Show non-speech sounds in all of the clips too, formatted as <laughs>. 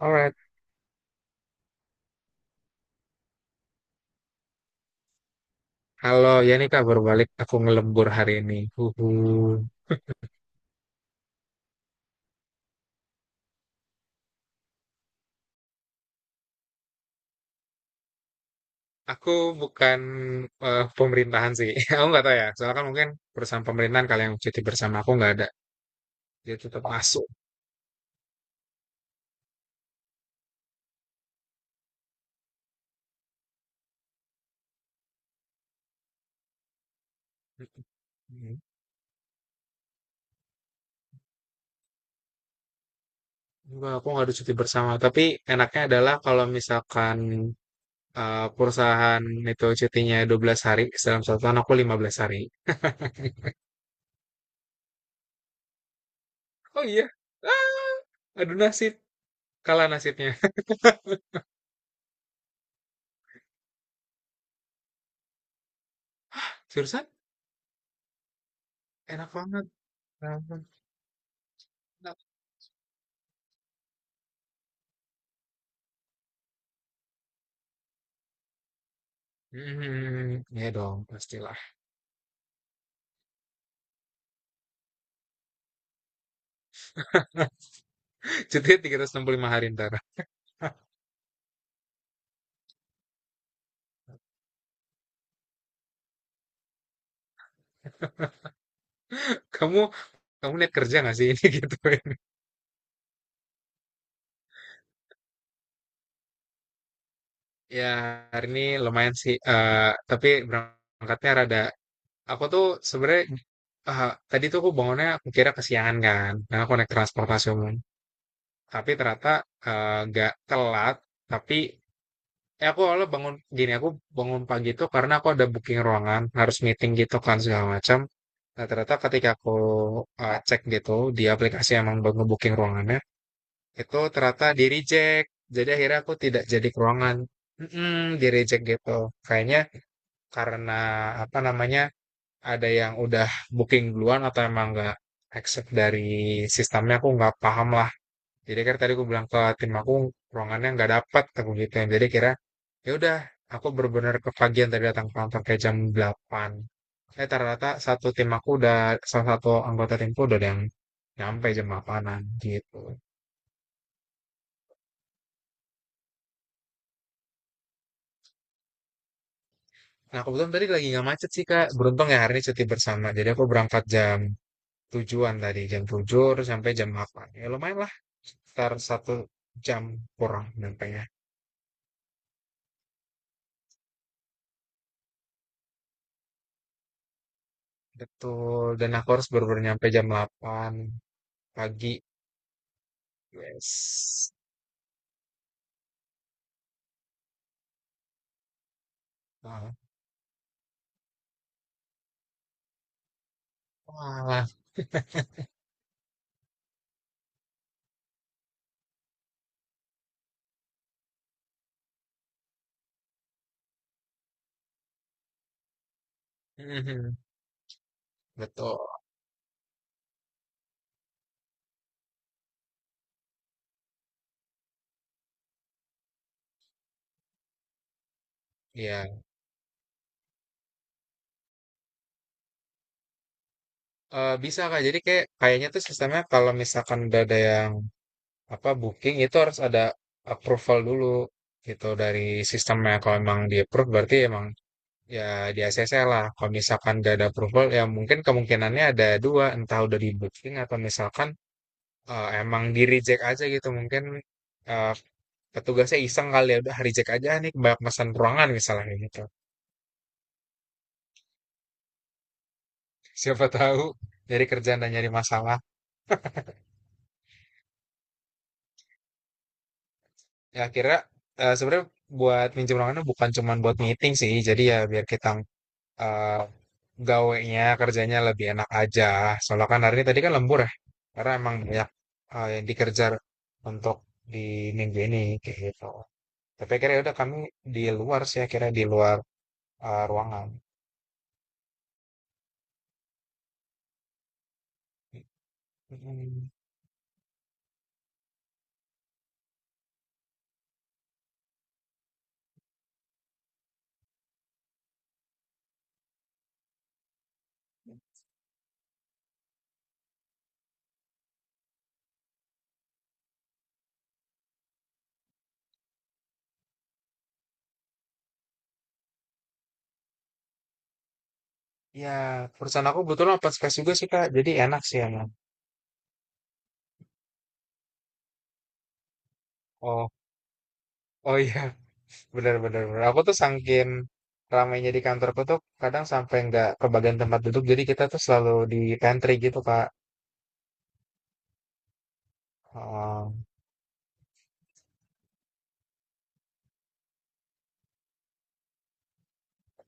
Alright. Halo, ya ini kabar balik. Aku ngelembur hari ini. Huhu. Aku bukan pemerintahan sih. <laughs> Aku nggak tahu ya. Soalnya kan mungkin perusahaan pemerintahan kali yang cuti bersama aku nggak ada. Dia tetap masuk. Enggak, aku nggak ada cuti bersama. Tapi enaknya adalah kalau misalkan perusahaan itu cutinya 12 hari, dalam 1 tahun aku 15 hari. Oh iya. Aduh nasib, kalah nasibnya. <laughs> Jurusan enak banget. Enak banget. Hmm, ya dong, pastilah. Cutinya 365 hari ntar. <laughs> Kamu kamu niat kerja nggak sih ini <laughs> gitu? Ya hari ini lumayan sih. Tapi berangkatnya rada. Aku tuh sebenarnya tadi tuh aku bangunnya aku kira kesiangan kan. Nah aku naik transportasi umum. Tapi ternyata nggak telat. Tapi ya aku awalnya bangun gini aku bangun pagi tuh karena aku ada booking ruangan harus meeting gitu kan segala macam. Nah ternyata ketika aku cek gitu di aplikasi emang baru booking ruangannya itu ternyata di reject, jadi akhirnya aku tidak jadi ke ruangan. Di reject gitu kayaknya karena apa namanya ada yang udah booking duluan atau emang nggak accept dari sistemnya, aku nggak paham lah. Jadi kan tadi aku bilang ke tim aku ruangannya nggak dapat aku gitu. Jadi kira ya udah, aku benar-benar kepagian tadi datang ke kantor kayak jam delapan, ternyata satu tim aku udah salah satu anggota timku udah ada yang nyampe jam 8 gitu. Nah, kebetulan tadi lagi nggak macet sih, Kak. Beruntung ya hari ini cuti bersama. Jadi aku berangkat jam tujuan tadi, jam 7 terus sampai jam 8. Ya lumayan lah, sekitar 1 jam kurang nyampenya. Betul, dan aku harus baru-baru nyampe jam 8 pagi. Yes. Nah. Wah. Mhm. Betul. Ya, bisa Kak. Jadi kayak kayaknya tuh sistemnya kalau misalkan udah ada yang apa booking itu harus ada approval dulu gitu dari sistemnya. Kalau emang di approve berarti emang. Ya di ACC lah. Kalau misalkan gak ada approval, ya mungkin kemungkinannya ada dua, entah udah di booking atau misalkan emang di reject aja gitu, mungkin eh, petugasnya iseng kali, ya udah reject aja nih banyak pesan ruangan misalnya gitu. Siapa tahu dari kerjaan dan nyari masalah. Ya akhirnya sebenarnya buat minjem ruangannya bukan cuma buat meeting sih, jadi ya biar kita eh, gawenya kerjanya lebih enak aja. Soalnya kan hari ini tadi kan lembur ya, karena emang banyak yang dikerja untuk di minggu ini kayak gitu. Tapi akhirnya udah kami di luar sih, akhirnya di luar ruangan. Mm. Ya, perusahaan aku kebetulan open space juga sih Kak, jadi enak sih emang. Oh, oh iya, <laughs> benar-benar. Aku tuh sangkin ramainya di kantorku tuh kadang sampai nggak kebagian tempat duduk, jadi kita tuh selalu di pantry gitu Kak. Oh.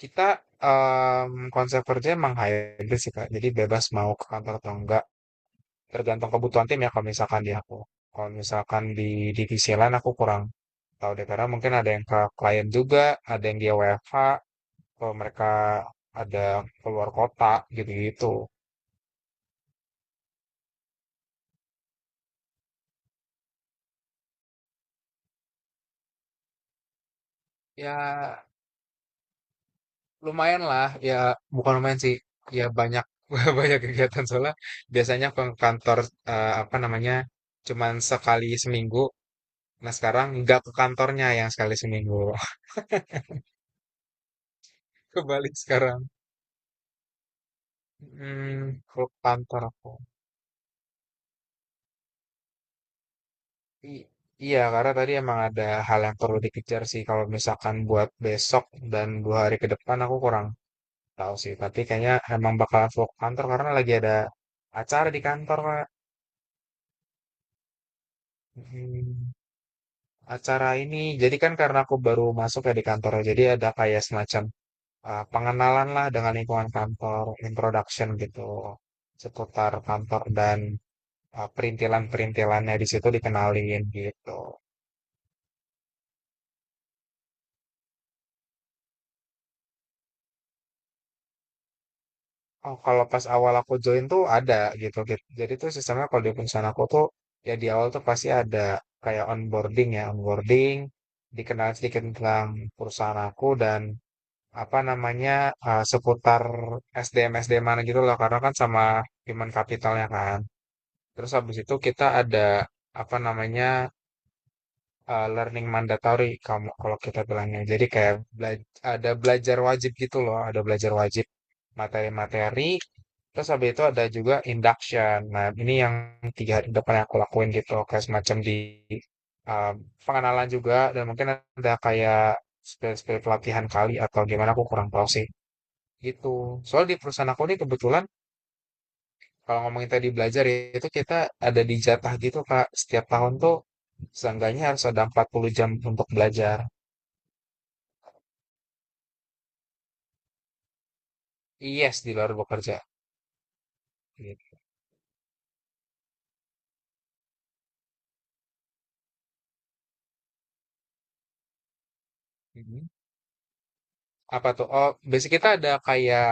Kita konsep kerja emang hybrid sih Kak. Jadi bebas mau ke kantor atau enggak. Tergantung kebutuhan tim ya kalau misalkan di aku. Kalau misalkan di divisi lain aku kurang tahu deh, karena mungkin ada yang ke klien juga, ada yang dia WFH, kalau mereka ada keluar kota gitu-gitu. Ya lumayan lah, ya bukan lumayan sih. Ya banyak <laughs> banyak kegiatan soalnya, biasanya aku ke kantor apa namanya cuman sekali seminggu. Nah, sekarang nggak ke kantornya yang sekali seminggu. <laughs> Kebalik sekarang. Hmm, ke kantor aku. I- iya, karena tadi emang ada hal yang perlu dikejar sih. Kalau misalkan buat besok dan 2 hari ke depan aku kurang tahu sih. Tapi kayaknya emang bakal vlog kantor karena lagi ada acara di kantor, Kak. Hmm, acara ini. Jadi kan karena aku baru masuk ya di kantor. Jadi ada kayak semacam pengenalan lah dengan lingkungan kantor, introduction gitu seputar kantor dan perintilan-perintilannya di situ dikenalin gitu. Oh, kalau pas awal aku join tuh ada gitu, gitu. Jadi tuh sistemnya kalau di perusahaan aku tuh ya di awal tuh pasti ada kayak onboarding ya, onboarding, dikenal sedikit tentang perusahaan aku dan apa namanya seputar SDM SDM mana gitu loh, karena kan sama human capitalnya kan. Terus habis itu kita ada apa namanya learning mandatory kamu kalau kita bilangnya. Jadi kayak ada belajar wajib gitu loh, ada belajar wajib materi-materi. Terus habis itu ada juga induction. Nah, ini yang 3 hari depan yang aku lakuin gitu, kayak semacam di uh, pengenalan juga, dan mungkin ada kayak spesial pelatihan kali atau gimana aku kurang tahu sih gitu. Soal di perusahaan aku ini kebetulan kalau ngomongin tadi belajar ya, itu kita ada di jatah gitu Kak. Setiap tahun tuh seenggaknya harus ada 40 jam untuk belajar. Yes, di luar bekerja. Gitu. Mhm. Apa tuh? Oh, basic kita ada kayak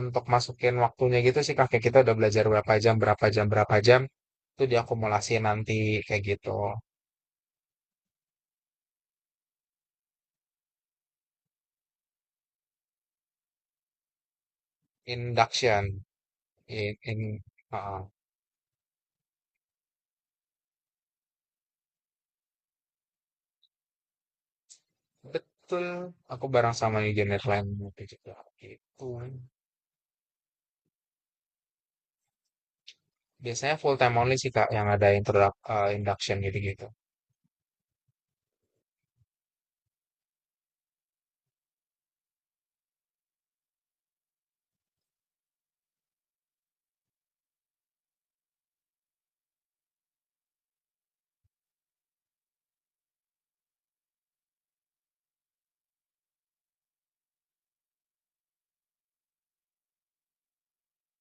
untuk masukin waktunya gitu sih, kakek kita udah belajar berapa jam, berapa jam, berapa jam. Itu diakumulasi nanti kayak gitu. Induction. In, in, uh, betul. Aku bareng sama engineer lain itu juga. Gitu. Biasanya full time only sih, Kak, yang ada introduc induction gitu-gitu.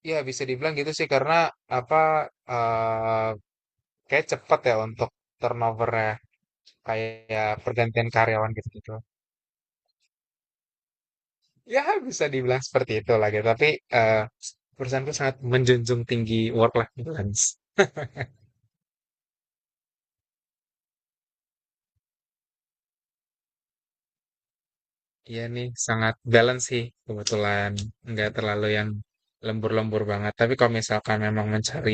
Ya, bisa dibilang gitu sih karena apa eh kayak cepat ya untuk turnovernya, kayak pergantian karyawan gitu-gitu. Ya, bisa dibilang seperti itu lah gitu. Tapi eh perusahaanku sangat menjunjung tinggi work-life balance. Iya nih, sangat balance sih kebetulan. Nggak terlalu yang lembur-lembur banget. Tapi kalau misalkan memang mencari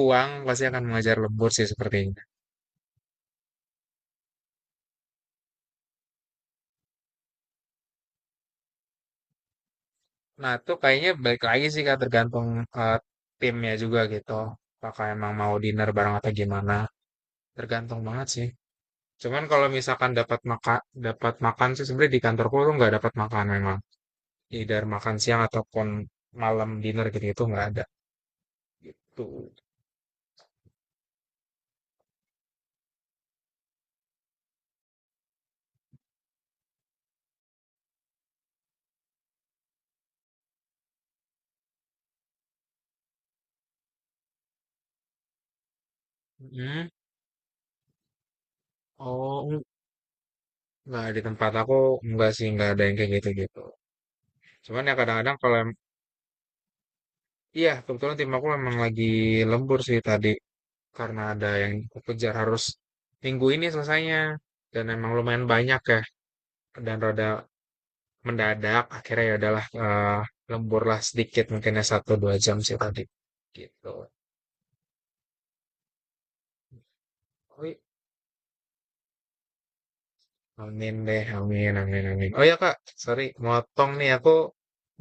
uang, pasti akan mengejar lembur sih sepertinya. Nah, itu kayaknya balik lagi sih Kak, tergantung eh, timnya juga gitu. Apakah emang mau dinner bareng atau gimana? Tergantung banget sih. Cuman kalau misalkan dapat makan sih sebenarnya di kantorku tuh nggak dapat makan memang. Either makan siang ataupun malam dinner gitu itu nggak ada gitu. Hmm. Oh, nggak di tempat aku, nggak sih nggak ada yang kayak gitu gitu. Cuman ya kadang-kadang iya kebetulan tim aku memang lagi lembur sih tadi. Karena ada yang aku kejar harus minggu ini selesainya, dan emang lumayan banyak ya dan rada mendadak, akhirnya ya udahlah lembur lah sedikit, mungkin ya satu dua jam sih tadi gitu. Oi, amin deh, amin, amin, amin. Oh ya kak, sorry, motong nih aku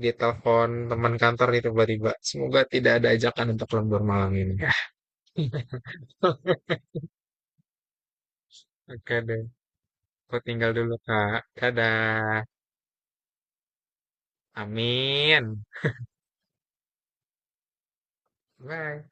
ditelepon teman kantor nih tiba-tiba. Semoga tidak ada ajakan untuk lembur malam ini. <laughs> Oke deh, aku tinggal dulu kak. Dadah, amin, bye.